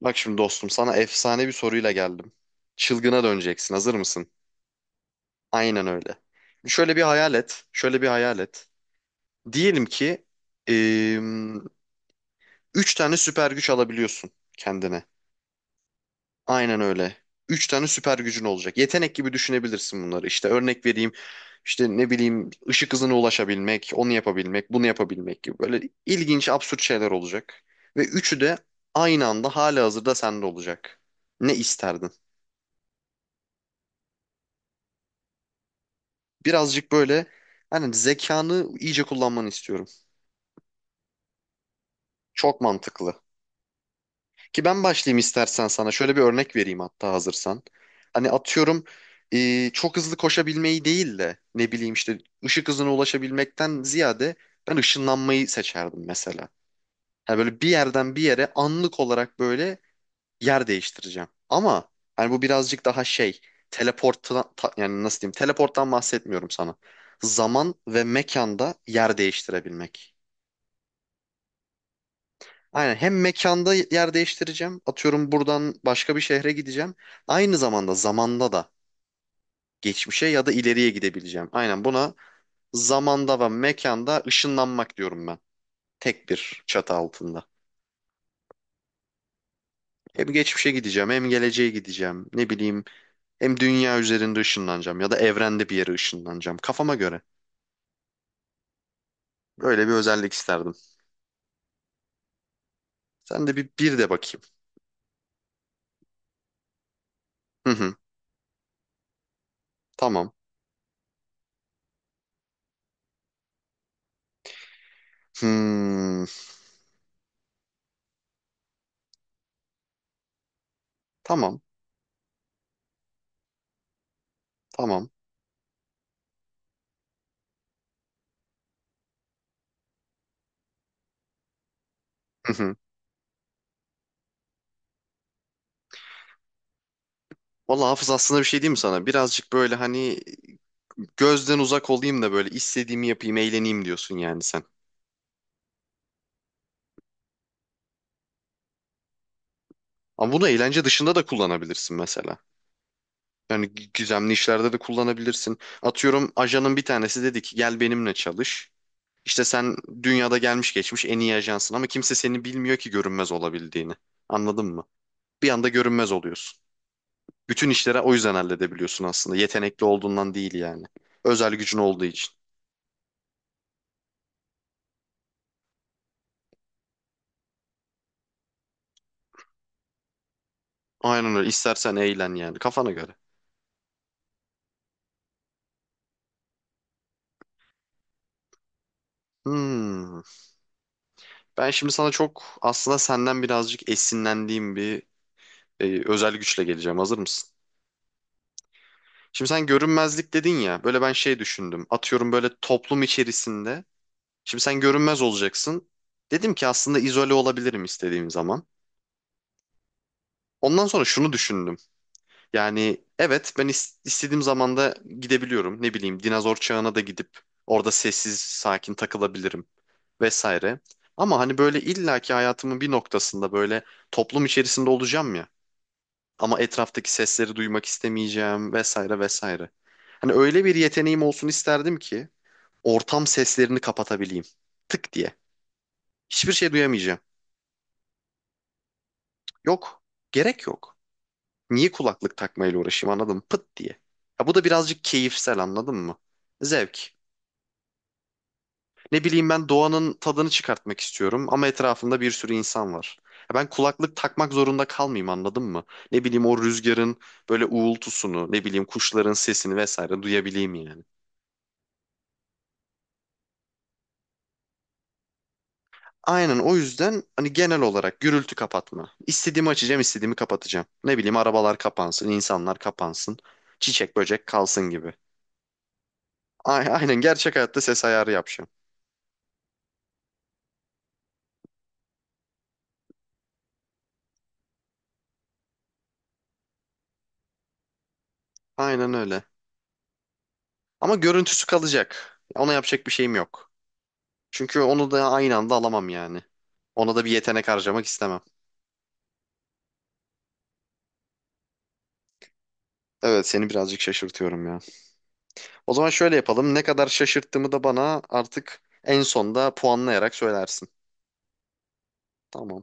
Bak şimdi dostum sana efsane bir soruyla geldim. Çılgına döneceksin. Hazır mısın? Aynen öyle. Şöyle bir hayal et. Diyelim ki eee, üç tane süper güç alabiliyorsun kendine. Aynen öyle. Üç tane süper gücün olacak. Yetenek gibi düşünebilirsin bunları. İşte örnek vereyim. İşte ne bileyim ışık hızına ulaşabilmek, onu yapabilmek, bunu yapabilmek gibi. Böyle ilginç, absürt şeyler olacak. Ve üçü de aynı anda halihazırda sende olacak. Ne isterdin? Birazcık böyle, hani zekanı iyice kullanmanı istiyorum. Çok mantıklı. Ki ben başlayayım istersen sana. Şöyle bir örnek vereyim hatta hazırsan. Hani atıyorum, çok hızlı koşabilmeyi değil de ne bileyim işte ışık hızına ulaşabilmekten ziyade ben ışınlanmayı seçerdim mesela. Hani böyle bir yerden bir yere anlık olarak böyle yer değiştireceğim. Ama hani bu birazcık daha şey, yani nasıl diyeyim, teleporttan bahsetmiyorum sana. Zaman ve mekanda yer değiştirebilmek. Aynen, hem mekanda yer değiştireceğim. Atıyorum buradan başka bir şehre gideceğim. Aynı zamanda zamanda da geçmişe ya da ileriye gidebileceğim. Aynen buna zamanda ve mekanda ışınlanmak diyorum ben. Tek bir çatı altında. Hem geçmişe gideceğim, hem geleceğe gideceğim. Ne bileyim, hem dünya üzerinde ışınlanacağım ya da evrende bir yere ışınlanacağım. Kafama göre. Böyle bir özellik isterdim. Sen de bir de bakayım. Hı hı, tamam. Hmm, tamam, tamam. Hı hı. Valla Hafız, aslında bir şey diyeyim mi sana? Birazcık böyle, hani gözden uzak olayım da böyle istediğimi yapayım, eğleneyim diyorsun yani sen. Ama bunu eğlence dışında da kullanabilirsin mesela. Yani güzemli işlerde de kullanabilirsin. Atıyorum, ajanın bir tanesi dedi ki gel benimle çalış. İşte sen dünyada gelmiş geçmiş en iyi ajansın ama kimse seni bilmiyor ki görünmez olabildiğini. Anladın mı? Bir anda görünmez oluyorsun. Bütün işlere o yüzden halledebiliyorsun aslında. Yetenekli olduğundan değil yani. Özel gücün olduğu için. Aynen öyle. İstersen eğlen yani, kafana göre. Hmm. Ben şimdi sana çok, aslında senden birazcık esinlendiğim bir özel güçle geleceğim. Hazır mısın? Şimdi sen görünmezlik dedin ya. Böyle ben şey düşündüm. Atıyorum böyle toplum içerisinde. Şimdi sen görünmez olacaksın. Dedim ki aslında izole olabilirim istediğim zaman. Ondan sonra şunu düşündüm. Yani evet, ben istediğim zamanda gidebiliyorum. Ne bileyim dinozor çağına da gidip orada sessiz sakin takılabilirim vesaire. Ama hani böyle illaki hayatımın bir noktasında böyle toplum içerisinde olacağım ya. Ama etraftaki sesleri duymak istemeyeceğim vesaire vesaire. Hani öyle bir yeteneğim olsun isterdim ki ortam seslerini kapatabileyim. Tık diye. Hiçbir şey duyamayacağım. Yok. Gerek yok. Niye kulaklık takmayla uğraşayım, anladın mı? Pıt diye. Ya bu da birazcık keyifsel, anladın mı? Zevk. Ne bileyim, ben doğanın tadını çıkartmak istiyorum ama etrafımda bir sürü insan var. Ya, ben kulaklık takmak zorunda kalmayayım, anladın mı? Ne bileyim, o rüzgarın böyle uğultusunu, ne bileyim kuşların sesini vesaire duyabileyim yani. Aynen, o yüzden hani genel olarak gürültü kapatma. İstediğimi açacağım, istediğimi kapatacağım. Ne bileyim, arabalar kapansın, insanlar kapansın, çiçek böcek kalsın gibi. Aynen, gerçek hayatta ses ayarı yapacağım. Aynen öyle. Ama görüntüsü kalacak. Ona yapacak bir şeyim yok. Çünkü onu da aynı anda alamam yani. Ona da bir yetenek harcamak istemem. Evet, seni birazcık şaşırtıyorum ya. O zaman şöyle yapalım. Ne kadar şaşırttığımı da bana artık en sonda puanlayarak söylersin. Tamam.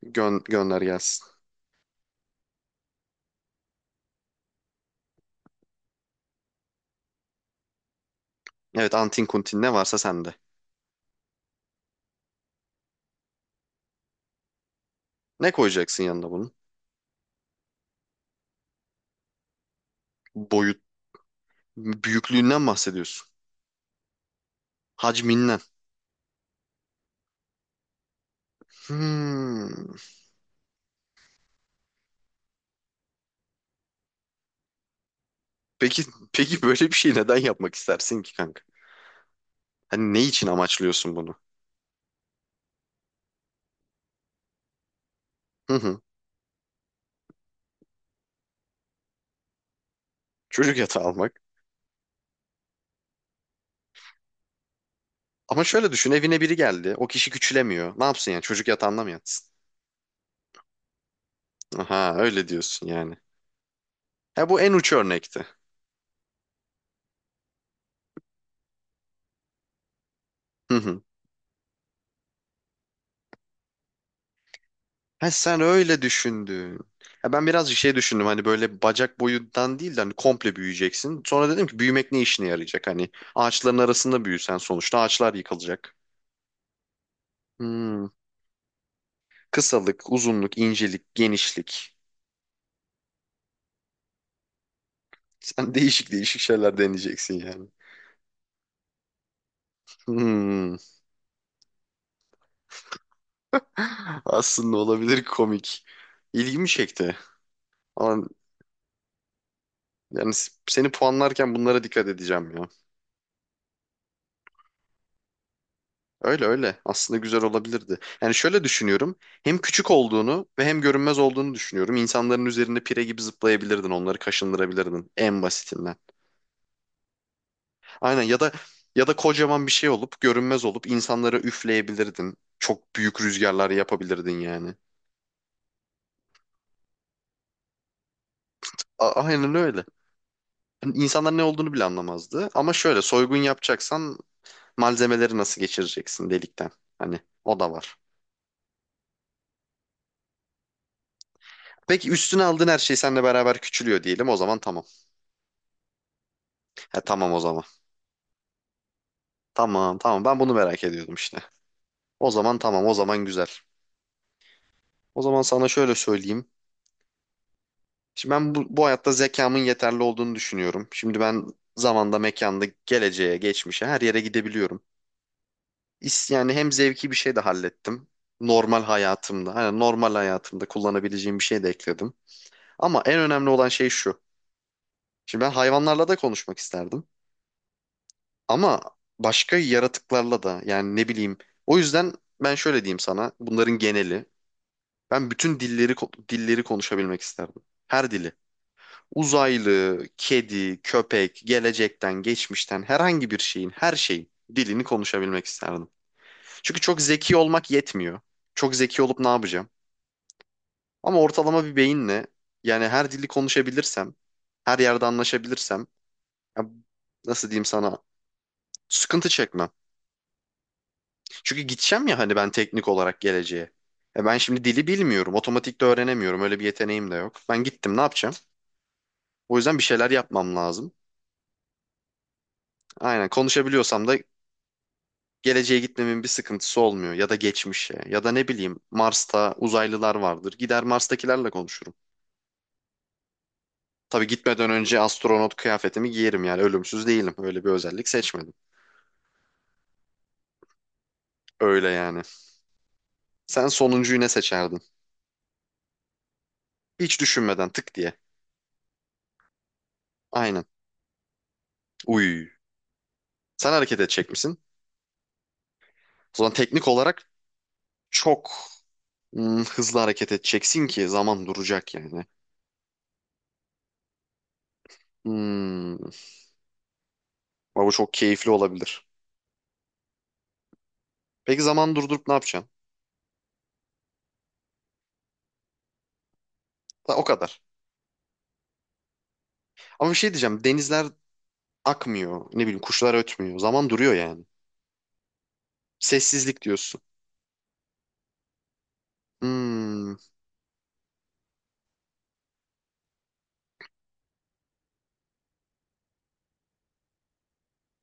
Gönder gelsin. Evet, antin kuntin ne varsa sende. Ne koyacaksın yanına bunun? Boyut büyüklüğünden bahsediyorsun. Hacminden. Hmm. Peki peki, böyle bir şey neden yapmak istersin ki kanka? Hani ne için amaçlıyorsun bunu? Hı hı. Çocuk yatağı almak. Ama şöyle düşün, evine biri geldi. O kişi küçülemiyor. Ne yapsın yani, çocuk yatağında mı yatsın? Aha, öyle diyorsun yani. Ha, bu en uç örnekti. Hı hı. Ha, sen öyle düşündün. Ha, ben birazcık şey düşündüm, hani böyle bacak boyundan değil de hani komple büyüyeceksin. Sonra dedim ki büyümek ne işine yarayacak? Hani ağaçların arasında büyüsen sonuçta ağaçlar yıkılacak. Hmm. Kısalık, uzunluk, incelik, genişlik. Sen değişik değişik şeyler deneyeceksin yani. Hmm. Aslında olabilir komik. İlgimi çekti. Ama yani seni puanlarken bunlara dikkat edeceğim ya. Öyle öyle. Aslında güzel olabilirdi. Yani şöyle düşünüyorum. Hem küçük olduğunu ve hem görünmez olduğunu düşünüyorum. İnsanların üzerinde pire gibi zıplayabilirdin. Onları kaşındırabilirdin en basitinden. Aynen, ya da, ya da kocaman bir şey olup görünmez olup insanlara üfleyebilirdin. Çok büyük rüzgarlar yapabilirdin yani. Aynen öyle. Yani İnsanlar ne olduğunu bile anlamazdı. Ama şöyle, soygun yapacaksan malzemeleri nasıl geçireceksin delikten? Hani o da var. Peki üstüne aldığın her şey seninle beraber küçülüyor diyelim. O zaman tamam. Ha, tamam o zaman. Tamam tamam, ben bunu merak ediyordum işte. O zaman tamam, o zaman güzel. O zaman sana şöyle söyleyeyim. Şimdi ben bu hayatta zekamın yeterli olduğunu düşünüyorum. Şimdi ben zamanda, mekanda, geleceğe, geçmişe her yere gidebiliyorum. Yani hem zevki bir şey de hallettim. Normal hayatımda, hani normal hayatımda kullanabileceğim bir şey de ekledim. Ama en önemli olan şey şu. Şimdi ben hayvanlarla da konuşmak isterdim. Ama başka yaratıklarla da, yani ne bileyim. O yüzden ben şöyle diyeyim sana, bunların geneli. Ben bütün dilleri konuşabilmek isterdim. Her dili. Uzaylı, kedi, köpek, gelecekten, geçmişten herhangi bir şeyin, her şeyin dilini konuşabilmek isterdim. Çünkü çok zeki olmak yetmiyor. Çok zeki olup ne yapacağım? Ama ortalama bir beyinle, yani her dili konuşabilirsem, her yerde anlaşabilirsem, ya nasıl diyeyim sana? Sıkıntı çekmem. Çünkü gideceğim ya, hani ben teknik olarak geleceğe. E ben şimdi dili bilmiyorum. Otomatik de öğrenemiyorum. Öyle bir yeteneğim de yok. Ben gittim ne yapacağım? O yüzden bir şeyler yapmam lazım. Aynen, konuşabiliyorsam da geleceğe gitmemin bir sıkıntısı olmuyor. Ya da geçmişe. Ya da ne bileyim, Mars'ta uzaylılar vardır. Gider Mars'takilerle konuşurum. Tabii gitmeden önce astronot kıyafetimi giyerim, yani ölümsüz değilim. Öyle bir özellik seçmedim. Öyle yani. Sen sonuncuyu ne seçerdin? Hiç düşünmeden tık diye. Aynen. Uy. Sen hareket edecek misin? O zaman teknik olarak çok hızlı hareket edeceksin ki zaman duracak yani. Hmm. Ama bu çok keyifli olabilir. Peki zaman durdurup ne yapacaksın? Ha, o kadar. Ama bir şey diyeceğim. Denizler akmıyor. Ne bileyim kuşlar ötmüyor. Zaman duruyor yani. Sessizlik diyorsun. Hmm.